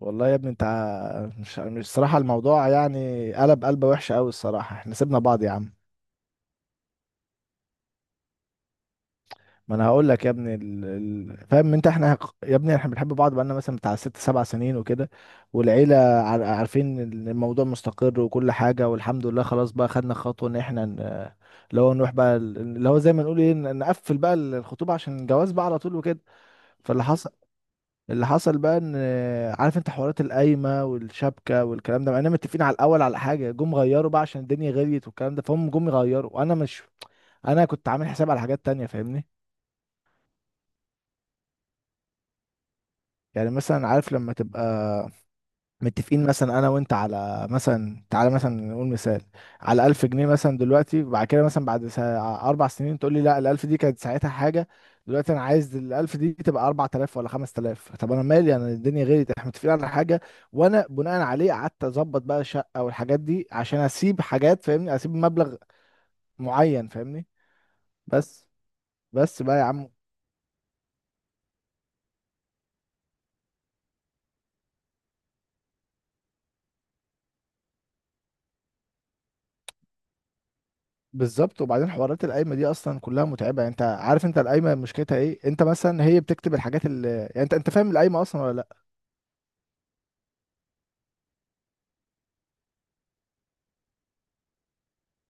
والله يا ابني، انت مش الصراحه الموضوع، يعني قلب، قلبه وحشه قوي الصراحه. احنا سيبنا بعض يا عم. ما انا هقول لك يا ابني فاهم انت؟ يا ابني احنا بنحب بعض بقالنا مثلا بتاع ست سبع سنين وكده. والعيله عارفين ان الموضوع مستقر وكل حاجه والحمد لله. خلاص بقى، خدنا خطوه ان اللي هو نروح بقى اللي هو زي ما نقول ايه، نقفل بقى الخطوبه عشان الجواز بقى على طول وكده. فاللي حصل، اللي حصل بقى ان... عارف انت حوارات القايمه والشبكه والكلام ده، مع اننا متفقين على الاول على حاجه، جم غيروا بقى عشان الدنيا غليت والكلام ده. فهم جم يغيروا، وانا مش... انا كنت عامل حساب على حاجات تانية، فاهمني؟ يعني مثلا عارف لما تبقى متفقين مثلا انا وانت، على مثلا، تعالى مثلا نقول مثال، على 1000 جنيه مثلا. دلوقتي بعد كده مثلا بعد 4 سنين تقول لي لا، الألف دي كانت ساعتها حاجة، دلوقتي انا عايز الألف دي تبقى 4000 ولا 5000. طب انا مالي؟ انا الدنيا غيرت؟ احنا متفقين على حاجة. وانا بناء عليه قعدت اظبط بقى شقة والحاجات دي عشان اسيب حاجات، فاهمني، اسيب مبلغ معين، فاهمني؟ بس بس بقى يا عم. بالظبط. وبعدين حوارات القايمه دي اصلا كلها متعبه. يعني انت عارف، انت القايمه مشكلتها ايه؟ انت مثلا هي بتكتب الحاجات اللي يعني، انت فاهم القايمه اصلا ولا لا؟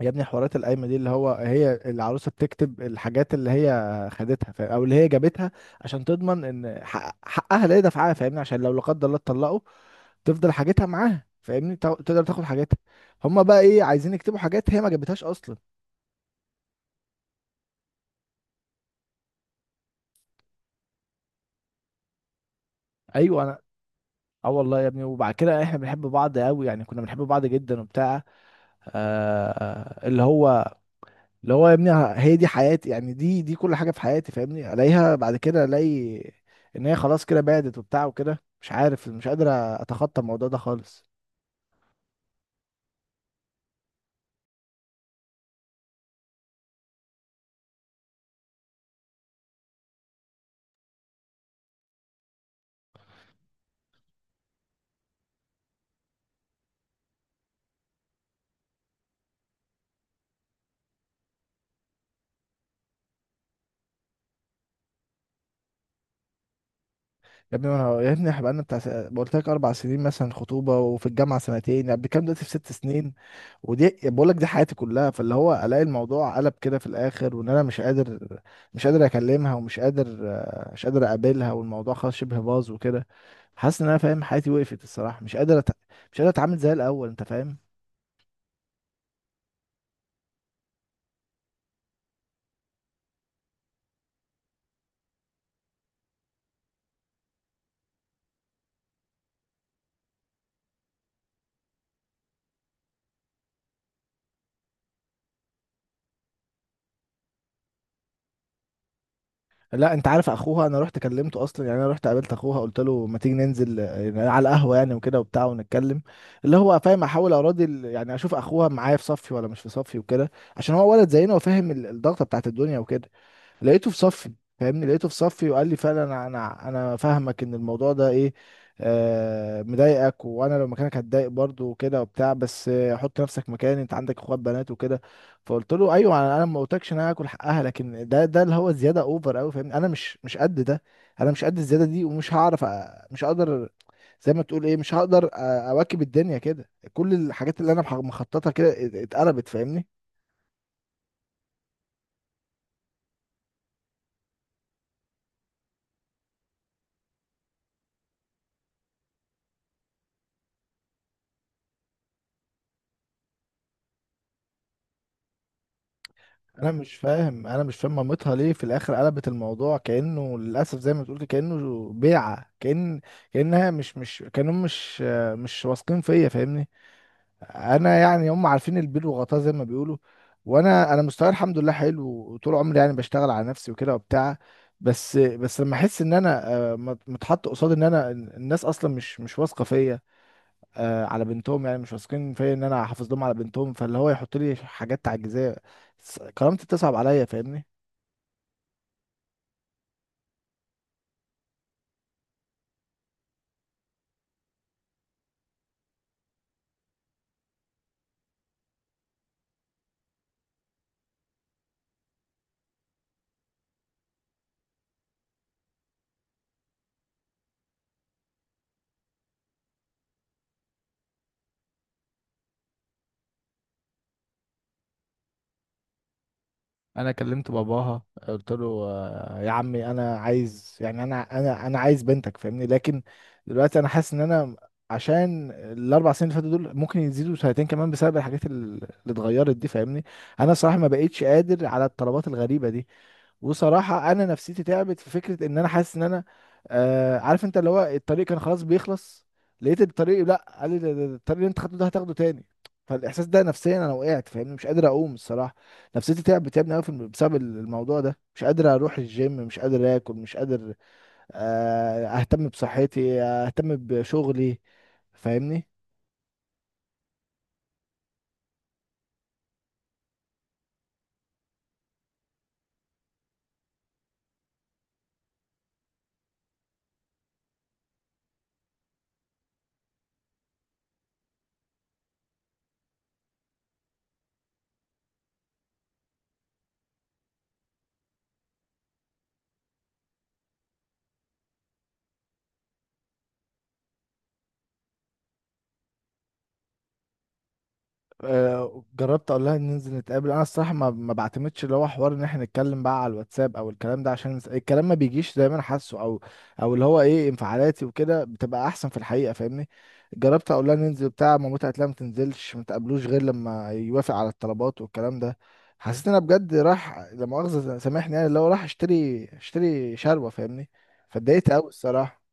يا ابني، حوارات القايمه دي، اللي هو هي العروسه بتكتب الحاجات اللي هي خدتها، فاهم؟ او اللي هي جابتها، عشان تضمن ان حقها لا يدفعها، فاهمني؟ عشان لو لا قدر الله اتطلقوا، تفضل حاجتها معاها، فاهمني؟ تقدر تاخد حاجتها. هما بقى ايه عايزين يكتبوا حاجات هي ما جابتهاش اصلا؟ ايوه انا... اه والله يا ابني. وبعد كده احنا بنحب بعض قوي يعني، كنا بنحب بعض جدا وبتاع. آه، اللي هو، اللي هو يا ابني، هي دي حياتي يعني، دي كل حاجه في حياتي، فاهمني؟ الاقيها بعد كده، الاقي ان هي خلاص كده بعدت وبتاع وكده. مش عارف، مش قادر اتخطى الموضوع ده خالص. يا ابني، انا يا ابني احنا بقالنا بتاع قلت لك 4 سنين مثلا خطوبه، وفي الجامعه سنتين، يعني بنتكلم دلوقتي في 6 سنين. ودي بقول لك دي حياتي كلها. فاللي هو الاقي الموضوع قلب كده في الاخر، وان انا مش قادر، مش قادر اكلمها، ومش قادر مش قادر اقابلها، والموضوع خلاص شبه باظ وكده. حاسس ان انا فاهم حياتي وقفت الصراحه، مش قادر مش قادر اتعامل زي الاول، انت فاهم؟ لا انت عارف اخوها، انا رحت كلمته اصلا. يعني انا رحت قابلت اخوها، قلت له ما تيجي ننزل، يعني على القهوه يعني وكده وبتاع، ونتكلم. اللي هو، فاهم، احاول اراضي ال- ، يعني اشوف اخوها معايا في صفي ولا مش في صفي وكده، عشان هو ولد زينا وفاهم الضغطه بتاعت الدنيا وكده. لقيته في صفي، فاهمني، لقيته في صفي وقال لي فعلا انا فاهمك ان الموضوع ده ايه، آه، مضايقك، وانا لو مكانك هتضايق برضه وكده وبتاع. بس آه، حط نفسك مكاني، انت عندك اخوات بنات وكده. فقلت له ايوه، انا ما قلتلكش ان انا هاكل حقها، لكن ده اللي هو زياده اوفر قوي، فاهمني. انا مش قد ده، انا مش قد الزياده دي، ومش هعرف مش هقدر، زي ما تقول ايه، مش هقدر اواكب الدنيا كده. كل الحاجات اللي انا مخططها كده اتقلبت، فاهمني. انا مش فاهم مامتها ليه في الاخر قلبت الموضوع كانه للاسف، زي ما تقول كده، كانه بيعه. كان، كانها مش، كانهم مش واثقين فيا، فاهمني. انا يعني هم عارفين البيل وغطاه، زي ما بيقولوا. وانا مستواي الحمد لله حلو، وطول عمري يعني بشتغل على نفسي وكده وبتاع. بس لما احس ان انا آه، متحط قصاد ان انا الناس اصلا مش واثقه فيا آه، على بنتهم، يعني مش واثقين فيا ان انا احافظ لهم على بنتهم، فاللي هو يحط لي حاجات تعجيزيه، كرامتي بتصعب عليا، فاهمني. انا كلمت باباها، قلت له آه، يا عمي انا عايز، يعني انا عايز بنتك، فاهمني، لكن دلوقتي انا حاسس ان انا عشان ال4 سنين اللي فاتوا دول ممكن يزيدوا سنتين كمان بسبب الحاجات اللي اتغيرت دي، فاهمني. انا صراحه ما بقيتش قادر على الطلبات الغريبه دي. وصراحة أنا نفسيتي تعبت في فكرة إن أنا حاسس إن أنا آه، عارف أنت اللي هو الطريق كان خلاص بيخلص، لقيت الطريق لأ، قال لي ده ده الطريق اللي أنت خدته ده هتاخده تاني. فالإحساس ده نفسيا أنا وقعت، فاهمني، مش قادر أقوم الصراحة. نفسيتي تعبت، تعبني أوي في بسبب الموضوع ده، مش قادر أروح الجيم، مش قادر آكل، مش قادر آه، أهتم بصحتي آه، أهتم بشغلي، فاهمني. آه، جربت اقول لها ننزل نتقابل. انا الصراحه ما بعتمدش اللي هو حوار ان احنا نتكلم بقى على الواتساب او الكلام ده، عشان الكلام ما بيجيش زي ما انا حاسه، او اللي هو ايه، انفعالاتي وكده بتبقى احسن في الحقيقه، فاهمني. جربت اقول لها ننزل بتاع، مامتها قالت لها ما تنزلش، ما تقابلوش غير لما يوافق على الطلبات والكلام ده. حسيت ان انا بجد راح لا مؤاخذه سامحني، يعني اللي هو راح اشتري شربة، فاهمني. فاتضايقت قوي الصراحه.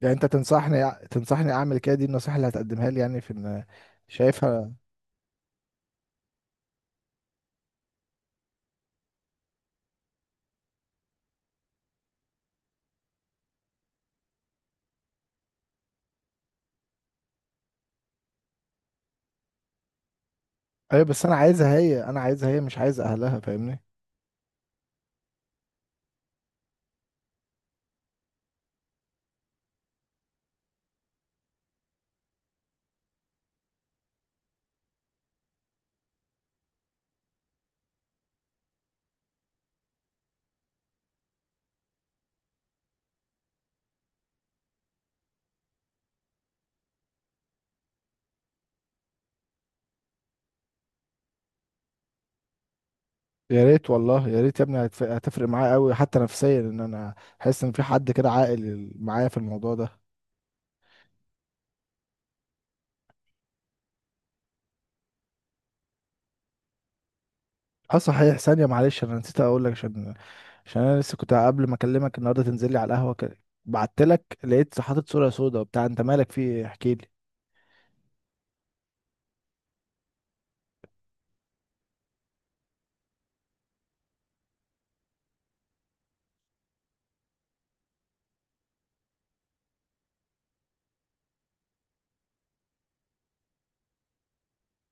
يعني انت تنصحني، اعمل كده؟ دي النصيحه اللي هتقدمها لي يعني في... إن- شايفها؟ ايوه بس انا عايزها هي، مش عايز اهلها، فاهمني. يا ريت والله، يا ريت يا ابني، هتفرق معايا قوي، حتى نفسيا، ان انا احس ان في حد كده عاقل معايا في الموضوع ده. اه صحيح، ثانيه معلش، انا نسيت اقول لك. عشان انا لسه كنت قبل ما اكلمك النهارده تنزل لي على القهوه كده، بعت لك، لقيت حاطط صوره سودا وبتاع. انت مالك في ايه؟ احكي لي.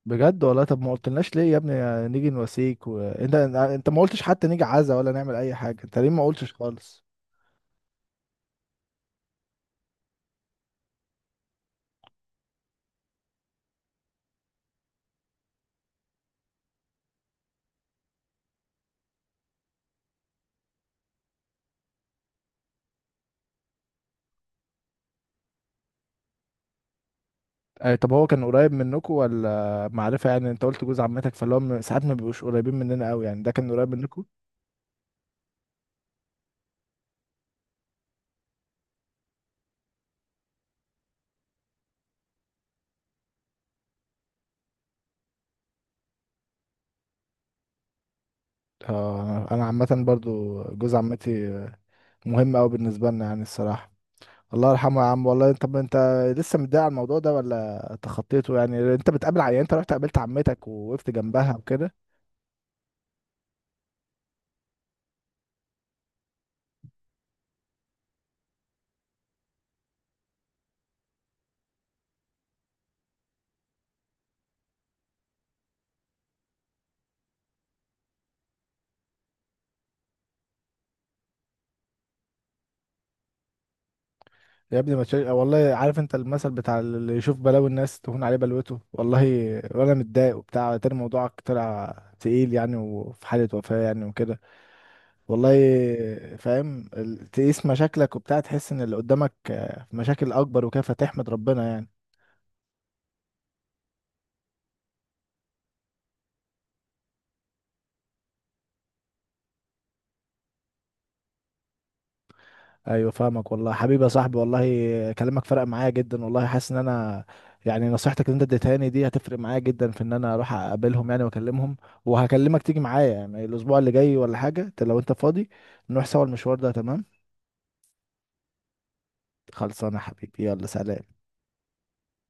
بجد والله؟ طب ما قلتلناش ليه يا ابني نيجي نواسيك؟ وانت انت أنت ما قلتش حتى نيجي عزا ولا نعمل اي حاجه. انت ليه ما قلتش خالص؟ أي، طب هو كان قريب منكم ولا معرفة؟ يعني انت قلت جوز عمتك، فاللي هو ساعات ما بيبقوش قريبين مننا قوي، يعني ده كان قريب منكم؟ اه، انا عامة برضو جوز عمتي آه، مهم قوي بالنسبة لنا يعني الصراحة. الله يرحمه يا عم والله. طب انت لسه متضايق على الموضوع ده ولا تخطيته؟ يعني انت بتقابل يعني انت رحت قابلت عمتك ووقفت جنبها وكده؟ يا ابني ما تشيل، والله عارف انت المثل بتاع اللي يشوف بلاوي الناس تهون عليه بلوته والله. وانا متضايق وبتاع، تاني موضوعك طلع تقيل يعني، وفي حالة وفاة يعني وكده. والله فاهم تقيس مشاكلك وبتاع، تحس ان اللي قدامك آه، مشاكل اكبر وكده، فتحمد ربنا يعني. ايوه فاهمك والله. حبيبي يا صاحبي والله، كلامك فرق معايا جدا والله، حاسس ان انا يعني نصيحتك اللي انت اديتها لي دي هتفرق معايا جدا في ان انا اروح اقابلهم يعني واكلمهم. وهكلمك تيجي معايا يعني الاسبوع اللي جاي ولا حاجه، انت لو انت فاضي نروح سوا المشوار ده، تمام؟ خلصانه يا حبيبي، يلا سلام.